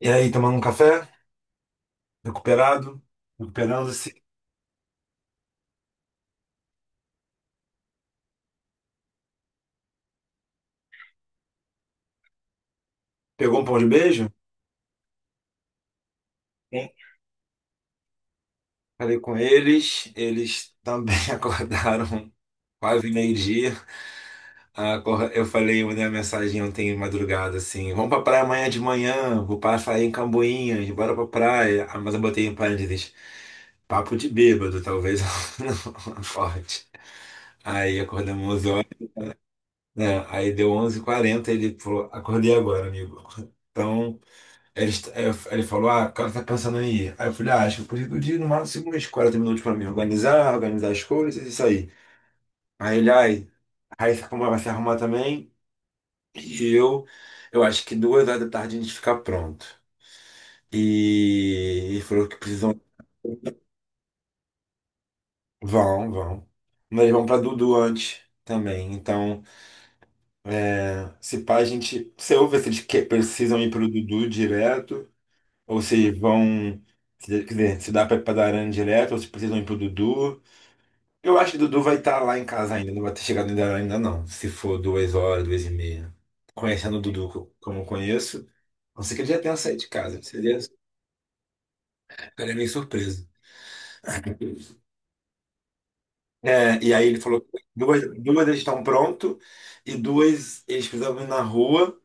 E aí, tomando um café, recuperado, recuperando-se. Pegou um pão de beijo? Sim. Falei com eles, eles também acordaram quase meio-dia. Eu falei, eu mandei uma mensagem ontem de madrugada, assim, vamos pra praia amanhã de manhã, vou passar aí em Camboinhas, bora pra praia. Ah, mas eu botei em parênteses, papo de bêbado, talvez não acorde. Aí acordamos 11 horas, né? Aí deu onze h 40, ele falou, acordei agora, amigo. Então, Ele, aí eu- aí ele falou, ah, o cara tá pensando em ir. Aí eu falei, ah, acho que eu preciso de no máximo umas 40 minutos pra me organizar, organizar as coisas e sair. Aí ele, ai, aí você vai se arrumar também. E eu, eu acho que 2 horas da tarde a gente fica pronto. E ele falou que precisam. Vão, vão. Mas eles vão pra Dudu antes também. Então, é, se pá, a gente. Você ouve se precisam ir pro Dudu direto, ou se vão. Quer dizer, se dá pra ir pra Darana direto, ou se precisam ir pro Dudu. Eu acho que Dudu vai estar lá em casa ainda, não vai ter chegado ainda, ainda não. Se for 2 horas, 2 e meia. Conhecendo o Dudu como eu conheço, não sei que ele já tenha saído de casa. Seria, ficaria meio surpresa. É, e aí ele falou que duas eles estão prontos e duas eles precisavam ir na rua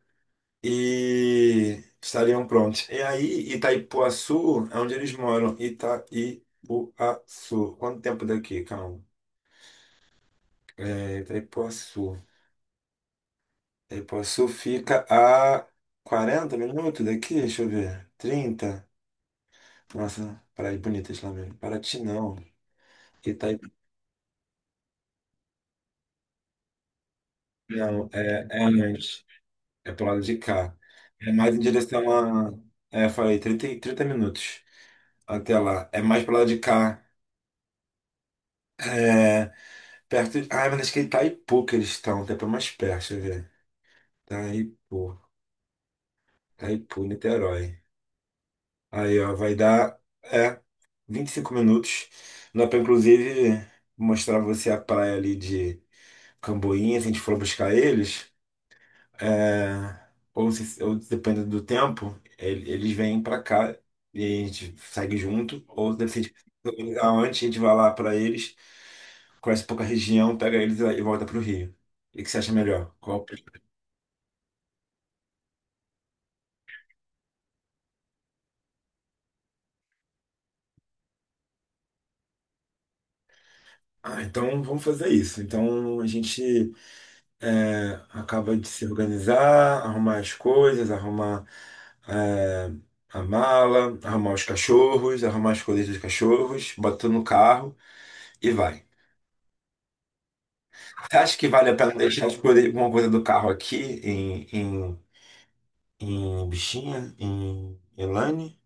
e estariam prontos. E aí, Itaipuaçu é onde eles moram. Itaipuaçu. Quanto tempo daqui? Calma. É, Itaipuaçu. E Poçu fica a 40 minutos daqui, deixa eu ver. 30. Nossa, Praia de Bonitas lá mesmo. Paraty não. Itaí... Não, é, é antes. É pro lado de cá. É mais em direção a. É, eu falei, 30 minutos até lá. É mais pro lado de cá. É, perto. Ah, mas acho que é Itaipu que eles estão, até pra mais perto, deixa eu ver. Itaipu. Itaipu, Niterói. Aí, ó, vai dar é, 25 minutos. Dá pra, inclusive, mostrar pra você a praia ali de Camboinha, se a gente for buscar eles. É, ou, se, ou dependendo do tempo, eles vêm pra cá e a gente segue junto. Ou deve ser antes, a gente vai lá pra eles, conhece um pouco a região, pega eles e volta pro Rio. O que que você acha melhor? Ah, então vamos fazer isso. Então a gente. É, acaba de se organizar, arrumar as coisas, arrumar é, a mala, arrumar os cachorros, arrumar as coisas dos cachorros, bota no carro e vai. Você acha que vale a pena deixar alguma coisa do carro aqui em, em, em Bichinha, em Elane?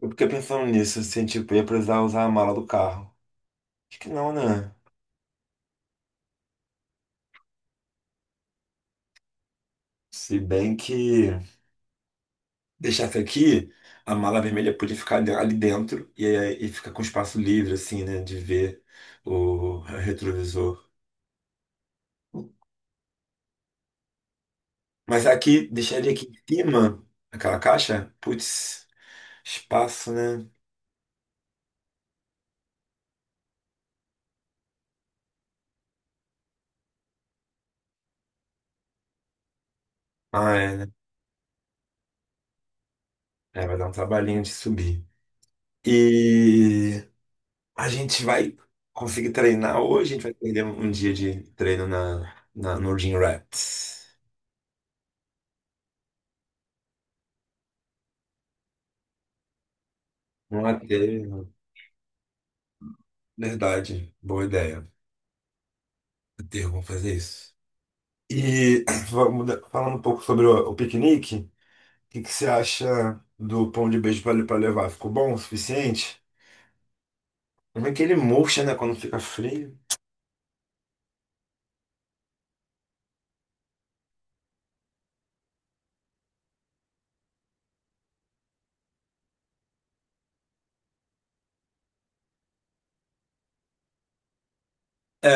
Eu fiquei pensando nisso, assim, tipo, ia precisar usar a mala do carro. Acho que não, né? Se bem que. Deixasse aqui, a mala vermelha podia ficar ali dentro e, e ficar com espaço livre, assim, né? De ver o retrovisor. Mas aqui, deixaria aqui em cima, aquela caixa, putz, espaço, né? Ah, é, né? É, vai dar um trabalhinho de subir. E a gente vai conseguir treinar hoje, a gente vai perder um dia de treino no Gym Rats. Um aterro. Verdade, boa ideia. Aterro, vamos fazer isso. E vamos falando um pouco sobre o piquenique, que você acha do pão de beijo para levar? Ficou bom o suficiente? Como é que ele murcha, né, quando fica frio? É,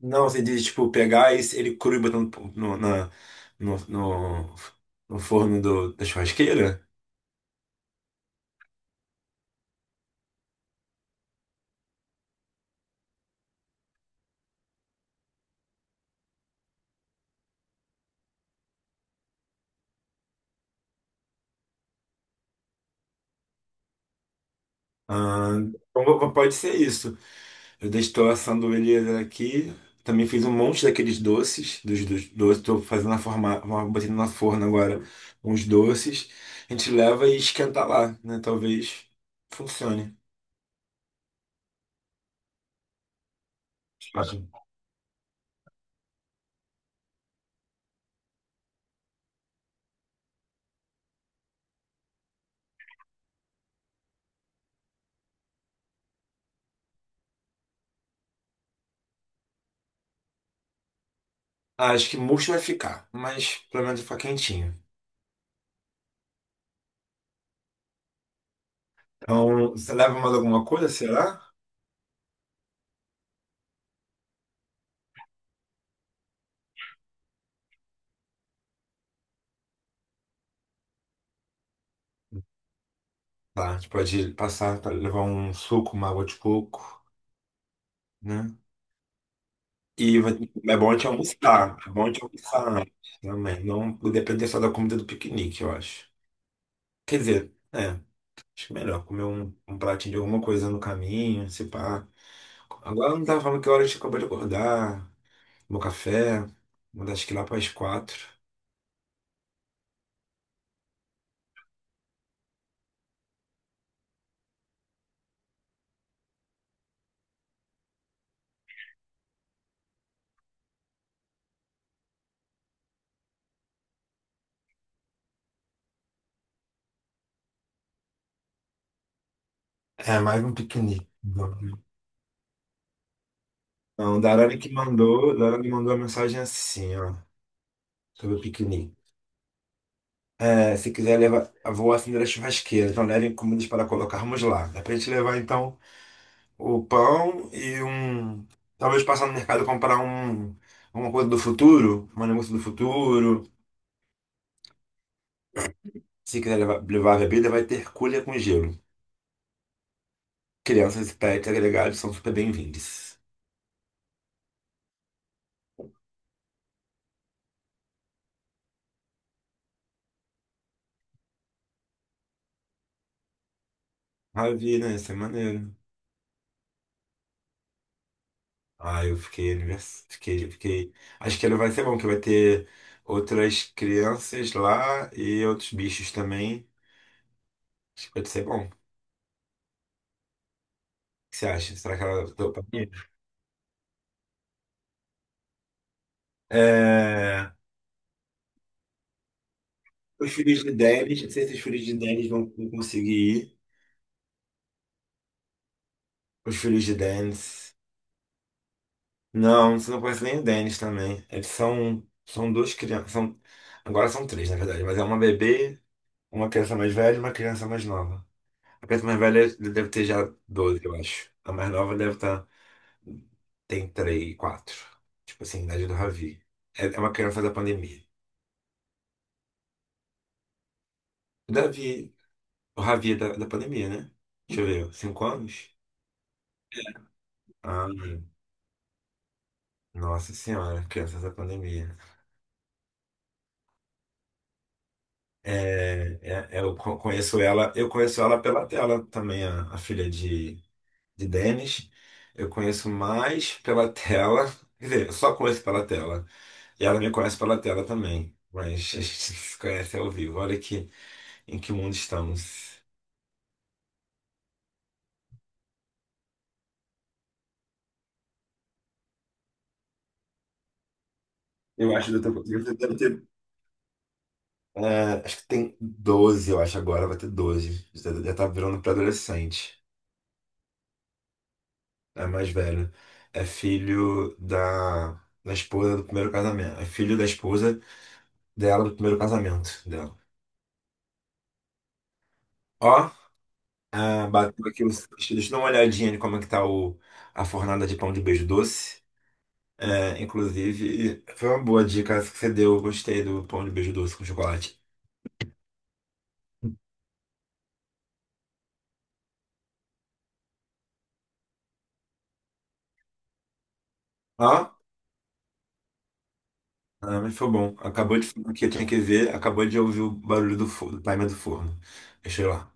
não, você diz, tipo, pegar esse, ele cru e botando no, na- no, no- no forno da churrasqueira? Ah, então, pode ser isso. Eu deixo tô assando ele aqui. Também fiz um monte daqueles doces, dos doces. Tô fazendo na forma, botando na forno agora uns doces. A gente leva e esquenta lá, né? Talvez funcione. Acho Acho que murcho vai ficar, mas pelo menos vai ficar quentinho. Então, você leva mais alguma coisa, será? Tá, a gente pode passar, pra levar um suco, uma água de coco, né? E vai- É bom a gente almoçar, é bom a gente almoçar antes também. Não depender só da comida do piquenique, eu acho. Quer dizer, é, acho que é melhor comer um pratinho de alguma coisa no caminho, se pá. Agora eu não tava falando que hora a gente acabou de acordar, meu café, mandar. Acho que lá para as 4. É, mais um piquenique. Vamos. Não, o Darani que mandou, o Darani mandou uma mensagem assim, ó, sobre o piquenique. É, se quiser levar, vou acender a churrasqueira, então levem comidas para colocarmos lá. Dá pra gente levar então o pão e um. Talvez passar no mercado e comprar um, uma coisa do futuro, um negócio do futuro. Se quiser levar, levar bebida, vai ter cuia com gelo. Crianças, pets, agregados são super bem-vindos. Ah, vi, né? Isso é maneiro. Ah, eu fiquei, fiquei, fiquei. Acho que ele vai ser bom, que vai ter outras crianças lá e outros bichos também. Acho que pode ser bom. O que você acha? Será que ela topa? É, os filhos de Dennis, não sei se os filhos de Dennis vão conseguir ir. Os filhos de Dennis. Não, você não conhece nem o Denis também. São duas crianças. São, agora são três, na verdade. Mas é uma bebê, uma criança mais velha e uma criança mais nova. A criança mais velha deve ter já 12 eu acho. A mais nova deve estar. Tem 3 quatro. Tipo assim, idade do Ravi. É, é uma criança da pandemia. O Davi. O Ravi é da pandemia, né? Deixa eu ver. 5 anos? Ah, nossa senhora, criança da pandemia. É, conheço ela, eu conheço ela pela tela também, a filha de Denis. Eu conheço mais pela tela. Quer dizer, eu só conheço pela tela. E ela me conhece pela tela também. Mas a gente se conhece ao vivo. Olha que, em que mundo estamos. Eu acho que eu deve ter. É, acho que tem 12, eu acho, agora vai ter 12. Já tá virando pré-adolescente. É mais velho. É filho da, da esposa do primeiro casamento. É filho da esposa dela do primeiro casamento dela. Ó, ah, bateu aqui. Deixa eu dar uma olhadinha de como é que tá a fornada de pão de beijo doce. É, inclusive, foi uma boa dica essa que você deu. Eu gostei do pão de beijo doce com chocolate. Ó, ah, mas foi bom. Acabou de. O que eu tinha que ver, acabou de ouvir o barulho do timer do forno. Deixa eu ir lá.